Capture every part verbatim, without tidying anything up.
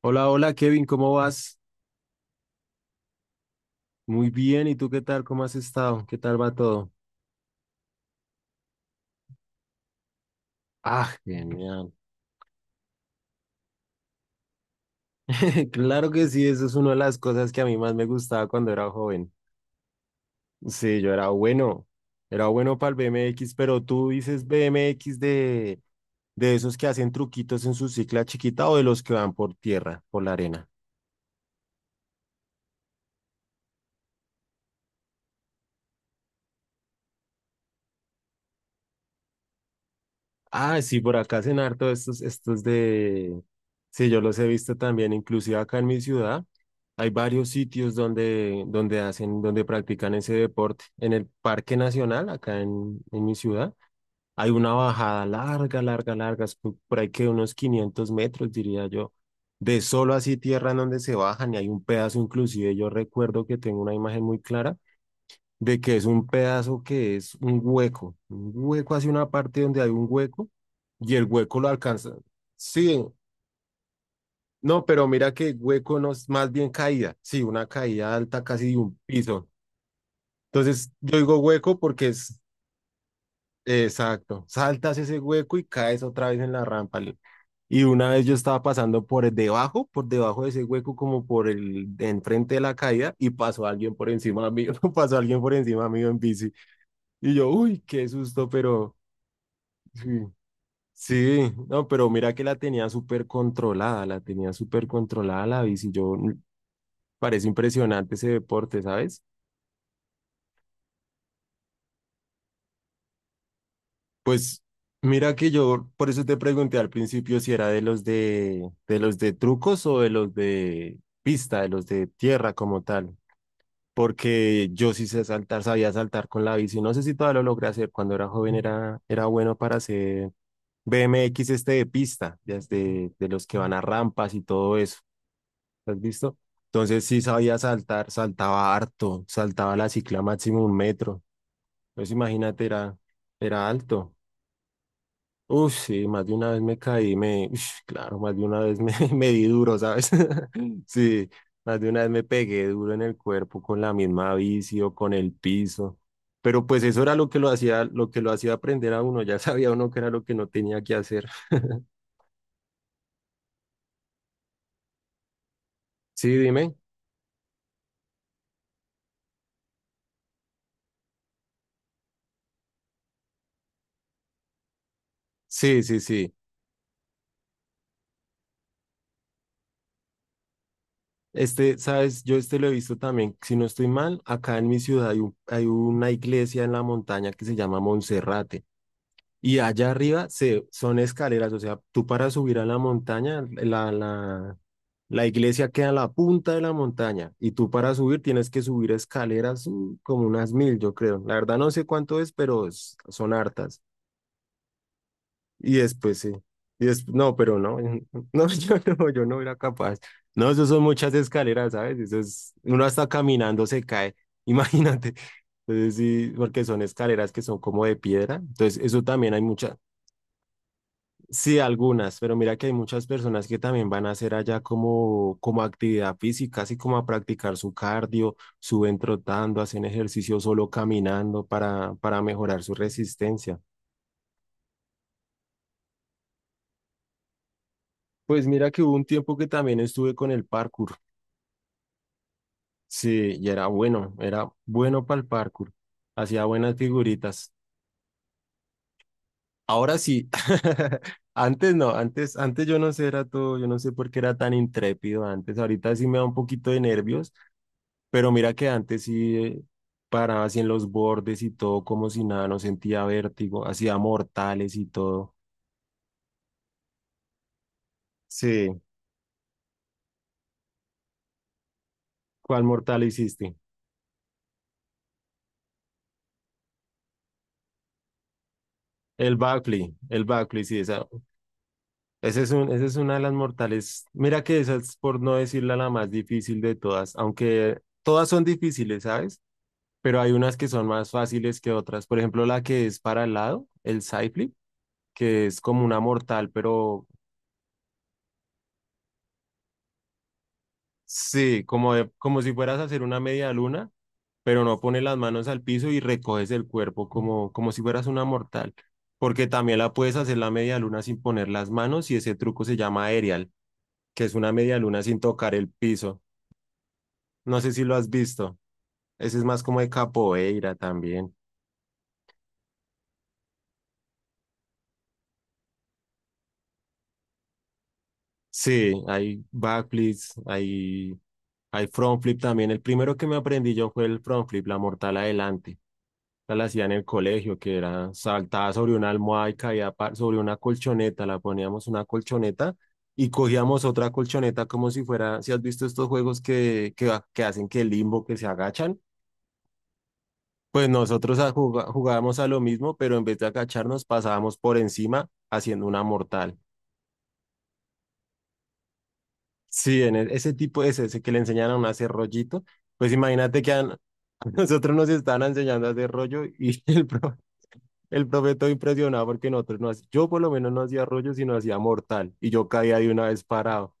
Hola, hola Kevin, ¿cómo vas? Muy bien, ¿y tú qué tal? ¿Cómo has estado? ¿Qué tal va todo? Ah, genial. Claro que sí, eso es una de las cosas que a mí más me gustaba cuando era joven. Sí, yo era bueno, era bueno para el B M X, pero tú dices B M X de, de esos que hacen truquitos en su cicla chiquita o de los que van por tierra, por la arena. Ah, sí, por acá hacen harto estos, estos de... Sí, yo los he visto también, inclusive acá en mi ciudad. Hay varios sitios donde, donde hacen, donde practican ese deporte. En el Parque Nacional, acá en, en mi ciudad, hay una bajada larga, larga, larga, es por por ahí que unos quinientos metros, diría yo, de solo así tierra en donde se bajan y hay un pedazo, inclusive yo recuerdo que tengo una imagen muy clara de que es un pedazo que es un hueco, un hueco hacia una parte donde hay un hueco y el hueco lo alcanza. Sí, no, pero mira que hueco no es más bien caída, sí, una caída alta casi de un piso. Entonces yo digo hueco porque es exacto, saltas ese hueco y caes otra vez en la rampa. li- Y una vez yo estaba pasando por el debajo, por debajo de ese hueco, como por el de enfrente de la caída, y pasó alguien por encima mío, pasó alguien por encima mío en bici. Y yo, uy, qué susto, pero sí, sí, no, pero mira que la tenía súper controlada, la tenía súper controlada la bici. Yo mm, parece impresionante ese deporte, ¿sabes? Pues mira que yo, por eso te pregunté al principio si era de los de, de los de, trucos o de los de pista, de los de tierra como tal. Porque yo sí sé saltar, sabía saltar con la bici. No sé si todavía lo logré hacer. Cuando era joven era, era bueno para hacer B M X este de pista, de, de de los que van a rampas y todo eso. ¿Has visto? Entonces sí sabía saltar, saltaba harto, saltaba la cicla máximo un metro. Entonces imagínate, era, era alto. Uf, sí, más de una vez me caí, me, ush, claro, más de una vez me, me di duro, ¿sabes? Sí, más de una vez me pegué duro en el cuerpo con la misma bici o con el piso. Pero pues eso era lo que lo hacía, lo que lo hacía aprender a uno, ya sabía uno que era lo que no tenía que hacer. Sí, dime. Sí, sí, sí. Este, sabes, yo este lo he visto también, si no estoy mal, acá en mi ciudad hay, un- hay una iglesia en la montaña que se llama Monserrate y allá arriba se, son escaleras, o sea, tú para subir a la montaña, la, la, la iglesia queda en la punta de la montaña y tú para subir tienes que subir escaleras mm, como unas mil, yo creo. La verdad no sé cuánto es, pero es- son hartas. Y después sí. Y después, no, pero no, no, yo no, yo no era capaz. No, eso son muchas escaleras, ¿sabes? Eso es, uno hasta caminando se cae, imagínate. Entonces sí, porque son escaleras que son como de piedra. Entonces eso también hay muchas, sí, algunas, pero mira que hay muchas personas que también van a hacer allá como, como actividad física, así como a practicar su cardio, suben trotando, hacen ejercicio solo caminando para, para mejorar su resistencia. Pues mira que hubo un tiempo que también estuve con el parkour. Sí, y era bueno, era bueno para el parkour. Hacía buenas figuritas. Ahora sí. Antes no, antes, antes yo no sé, era todo, yo no sé por qué era tan intrépido antes. Ahorita sí me da un poquito de nervios, pero mira que antes sí eh, paraba así en los bordes y todo, como si nada, no sentía vértigo, hacía mortales y todo. Sí, ¿cuál mortal hiciste? El backflip, el backflip, sí, esa, Esa es un, esa es una de las mortales. Mira que esa es, por no decirla, la más difícil de todas, aunque todas son difíciles, ¿sabes? Pero hay unas que son más fáciles que otras. Por ejemplo, la que es para el lado, el side flip, que es como una mortal, pero sí, como, de- como si fueras a hacer una media luna, pero no pones las manos al piso y recoges el cuerpo como, como si fueras una mortal. Porque también la puedes hacer la media luna sin poner las manos y ese truco se llama aerial, que es una media luna sin tocar el piso. No sé si lo has visto. Ese es más como de capoeira también. Sí, hay backflips, hay, hay front flip también. El primero que me aprendí yo fue el front flip, la mortal adelante. Esa la hacía en el colegio, que era saltaba sobre una almohada y caía pa- sobre una colchoneta. La poníamos una colchoneta y cogíamos otra colchoneta como si fuera, si has visto estos juegos que, que, ha- que hacen que limbo, que se agachan. Pues nosotros a- juga- jugábamos a lo mismo, pero en vez de agacharnos pasábamos por encima haciendo una mortal. Sí, en e- ese tipo, ese, ese que le enseñaron a hacer rollito, pues imagínate que a, n- a nosotros nos estaban enseñando a hacer rollo y el, pro- el profe todo impresionado porque nosotros no hacíamos, yo por lo menos no hacía rollo, sino hacía mortal y yo caía de una vez parado.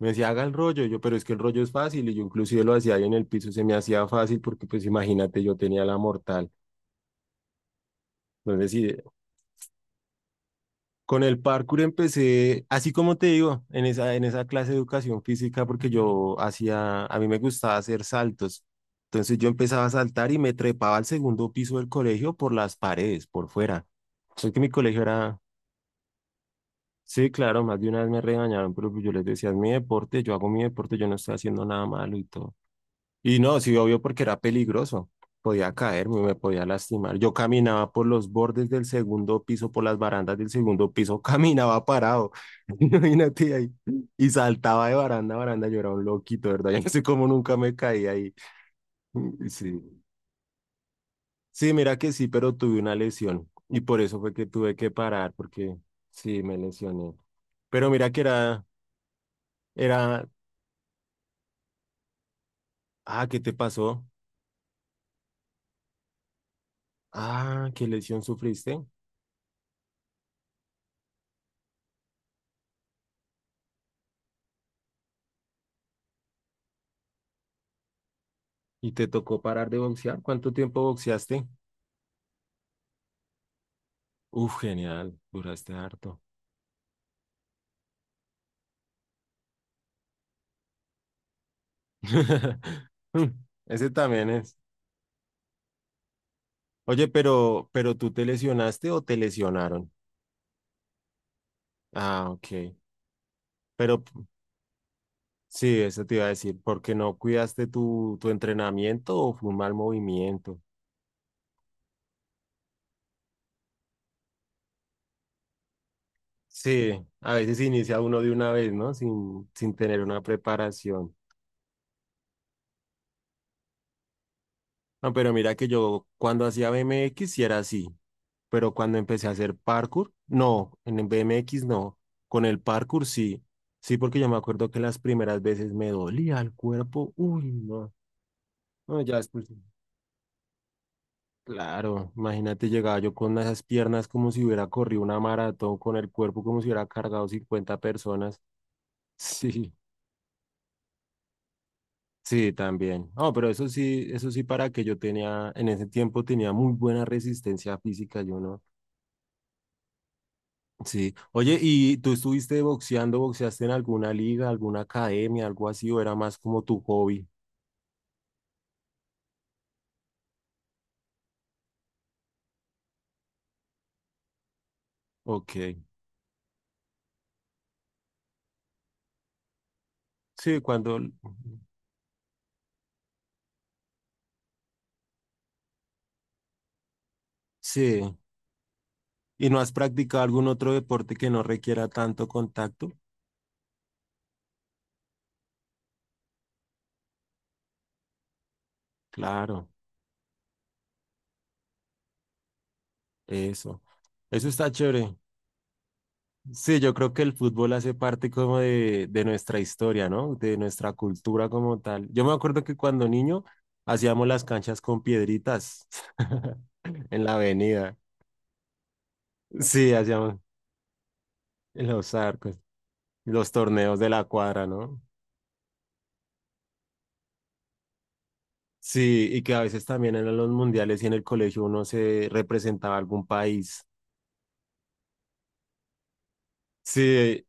Me decía, haga el rollo, y yo, pero es que el rollo es fácil y yo inclusive lo hacía ahí en el piso, se me hacía fácil porque pues imagínate, yo tenía la mortal. Entonces sí. Con el parkour empecé, así como te digo, en esa, en esa clase de educación física, porque yo hacía, a mí me gustaba hacer saltos. Entonces yo empezaba a saltar y me trepaba al segundo piso del colegio por las paredes, por fuera. Sé que mi colegio era, sí, claro, más de una vez me regañaron, pero pues yo les decía, es mi deporte, yo hago mi deporte, yo no estoy haciendo nada malo y todo. Y no, sí, obvio, porque era peligroso. Podía caerme, me podía lastimar. Yo caminaba por los bordes del segundo piso, por las barandas del segundo piso, caminaba parado. Imagínate ahí. Y saltaba de baranda a baranda. Yo era un loquito, de ¿verdad? Yo no sé cómo nunca me caí ahí. Mm, sí. Sí, mira que sí, pero tuve una lesión. Y por eso fue que tuve que parar, porque sí, me lesioné. Pero mira que era, era, ah, ¿qué te pasó? Ah, ¿qué lesión sufriste? ¿Y te tocó parar de boxear? ¿Cuánto tiempo boxeaste? Uf, genial, duraste harto. Mm, Ese también es. Oye, pero, pero ¿tú te lesionaste o te lesionaron? Ah, ok. Pero p- sí, eso te iba a decir, porque no cuidaste tu, tu entrenamiento o fue un mal movimiento. Sí, a veces inicia uno de una vez, ¿no? Sin, sin tener una preparación. No, pero mira que yo cuando hacía B M X sí era así, pero cuando empecé a hacer parkour, no, en el B M X no, con el parkour sí, sí, porque yo me acuerdo que las primeras veces me dolía el cuerpo, uy, no, no, ya después, claro, imagínate, llegaba yo con esas piernas como si hubiera corrido una maratón, con el cuerpo como si hubiera cargado cincuenta personas, sí, sí, también, no, pero eso sí, eso sí para que yo tenía, en ese tiempo tenía muy buena resistencia física, yo no. Sí. Oye, ¿y tú estuviste boxeando, boxeaste en alguna liga, alguna academia, algo así, o era más como tu hobby? Ok. Sí, cuando... Sí. ¿Y no has practicado algún otro deporte que no requiera tanto contacto? Claro, eso. Eso está chévere. Sí, yo creo que el fútbol hace parte como de, de, nuestra historia, ¿no? De nuestra cultura como tal. Yo me acuerdo que cuando niño hacíamos las canchas con piedritas en la avenida. Sí, hacíamos. Los arcos, los torneos de la cuadra, ¿no? Sí, y que a veces también en los mundiales y en el colegio uno se representaba algún país. Sí,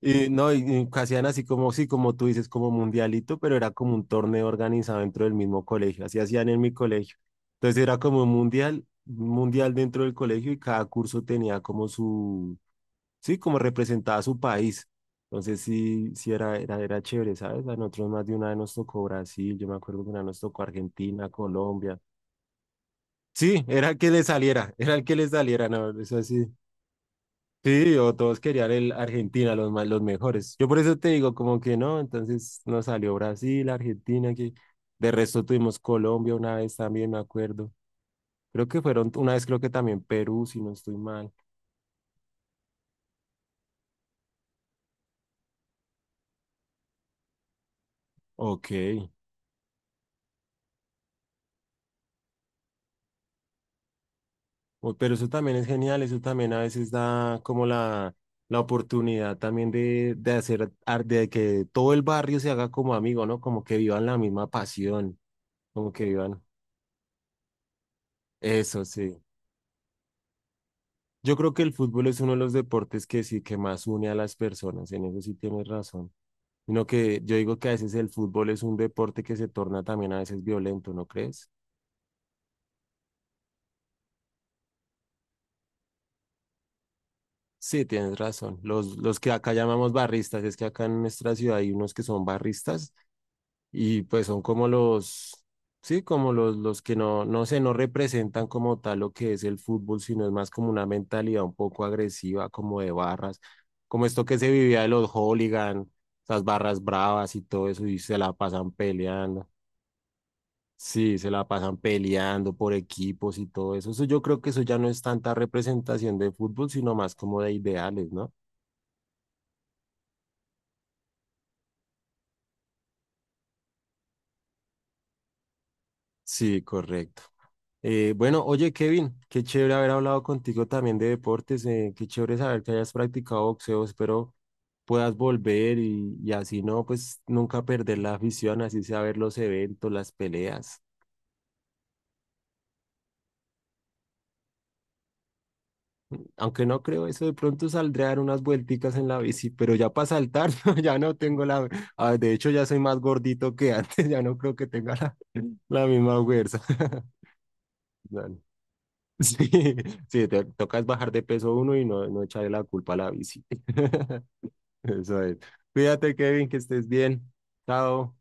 y no, y y hacían así como, sí, como tú dices, como mundialito, pero era como un torneo organizado dentro del mismo colegio, así hacían en mi colegio. Entonces era como un mundial, un mundial dentro del colegio y cada curso tenía como su, sí, como representaba a su país. Entonces sí, sí era, era, era chévere, ¿sabes? A nosotros más de una vez nos tocó Brasil, yo me acuerdo que una vez nos tocó Argentina, Colombia. Sí, era el que le saliera, era el que les saliera, no, eso sí. Sí, o todos querían el Argentina, los más, los mejores. Yo por eso te digo, como que no, entonces nos salió Brasil, Argentina, que de resto tuvimos Colombia una vez también, me acuerdo. Creo que fueron, una vez creo que también Perú, si no estoy mal. Ok. Uy, pero eso también es genial, eso también a veces da como la, la oportunidad también de, de hacer, ar- de que todo el barrio se haga como amigo, ¿no? Como que vivan la misma pasión, como que vivan eso, sí. Yo creo que el fútbol es uno de los deportes que sí, que más une a las personas, en eso sí tienes razón. Sino que yo digo que a veces el fútbol es un deporte que se torna también a veces violento, ¿no crees? Sí, tienes razón. Los, los que acá llamamos barristas, es que acá en nuestra ciudad hay unos que son barristas y pues son como los, sí, como los, los que no, no sé, no representan como tal lo que es el fútbol, sino es más como una mentalidad un poco agresiva, como de barras, como esto que se vivía de los hooligan, esas barras bravas y todo eso, y se la pasan peleando. Sí, se la pasan peleando por equipos y todo eso. Eso yo creo que eso ya no es tanta representación de fútbol, sino más como de ideales, ¿no? Sí, correcto. Eh, bueno, oye Kevin, qué chévere haber hablado contigo también de deportes, eh, qué chévere saber que hayas practicado boxeo, espero puedas volver y, y, así no, pues nunca perder la afición, así sea ver los eventos, las peleas. Aunque no creo eso, de pronto saldré a dar unas vuelticas en la bici, pero ya para saltar, no, ya no tengo la... ah, de hecho, ya soy más gordito que antes, ya no creo que tenga la, la misma fuerza. Bueno, sí, sí, te tocas bajar de peso uno y no, no echarle la culpa a la bici. Eso es. Cuídate, Kevin, que estés bien. Chao.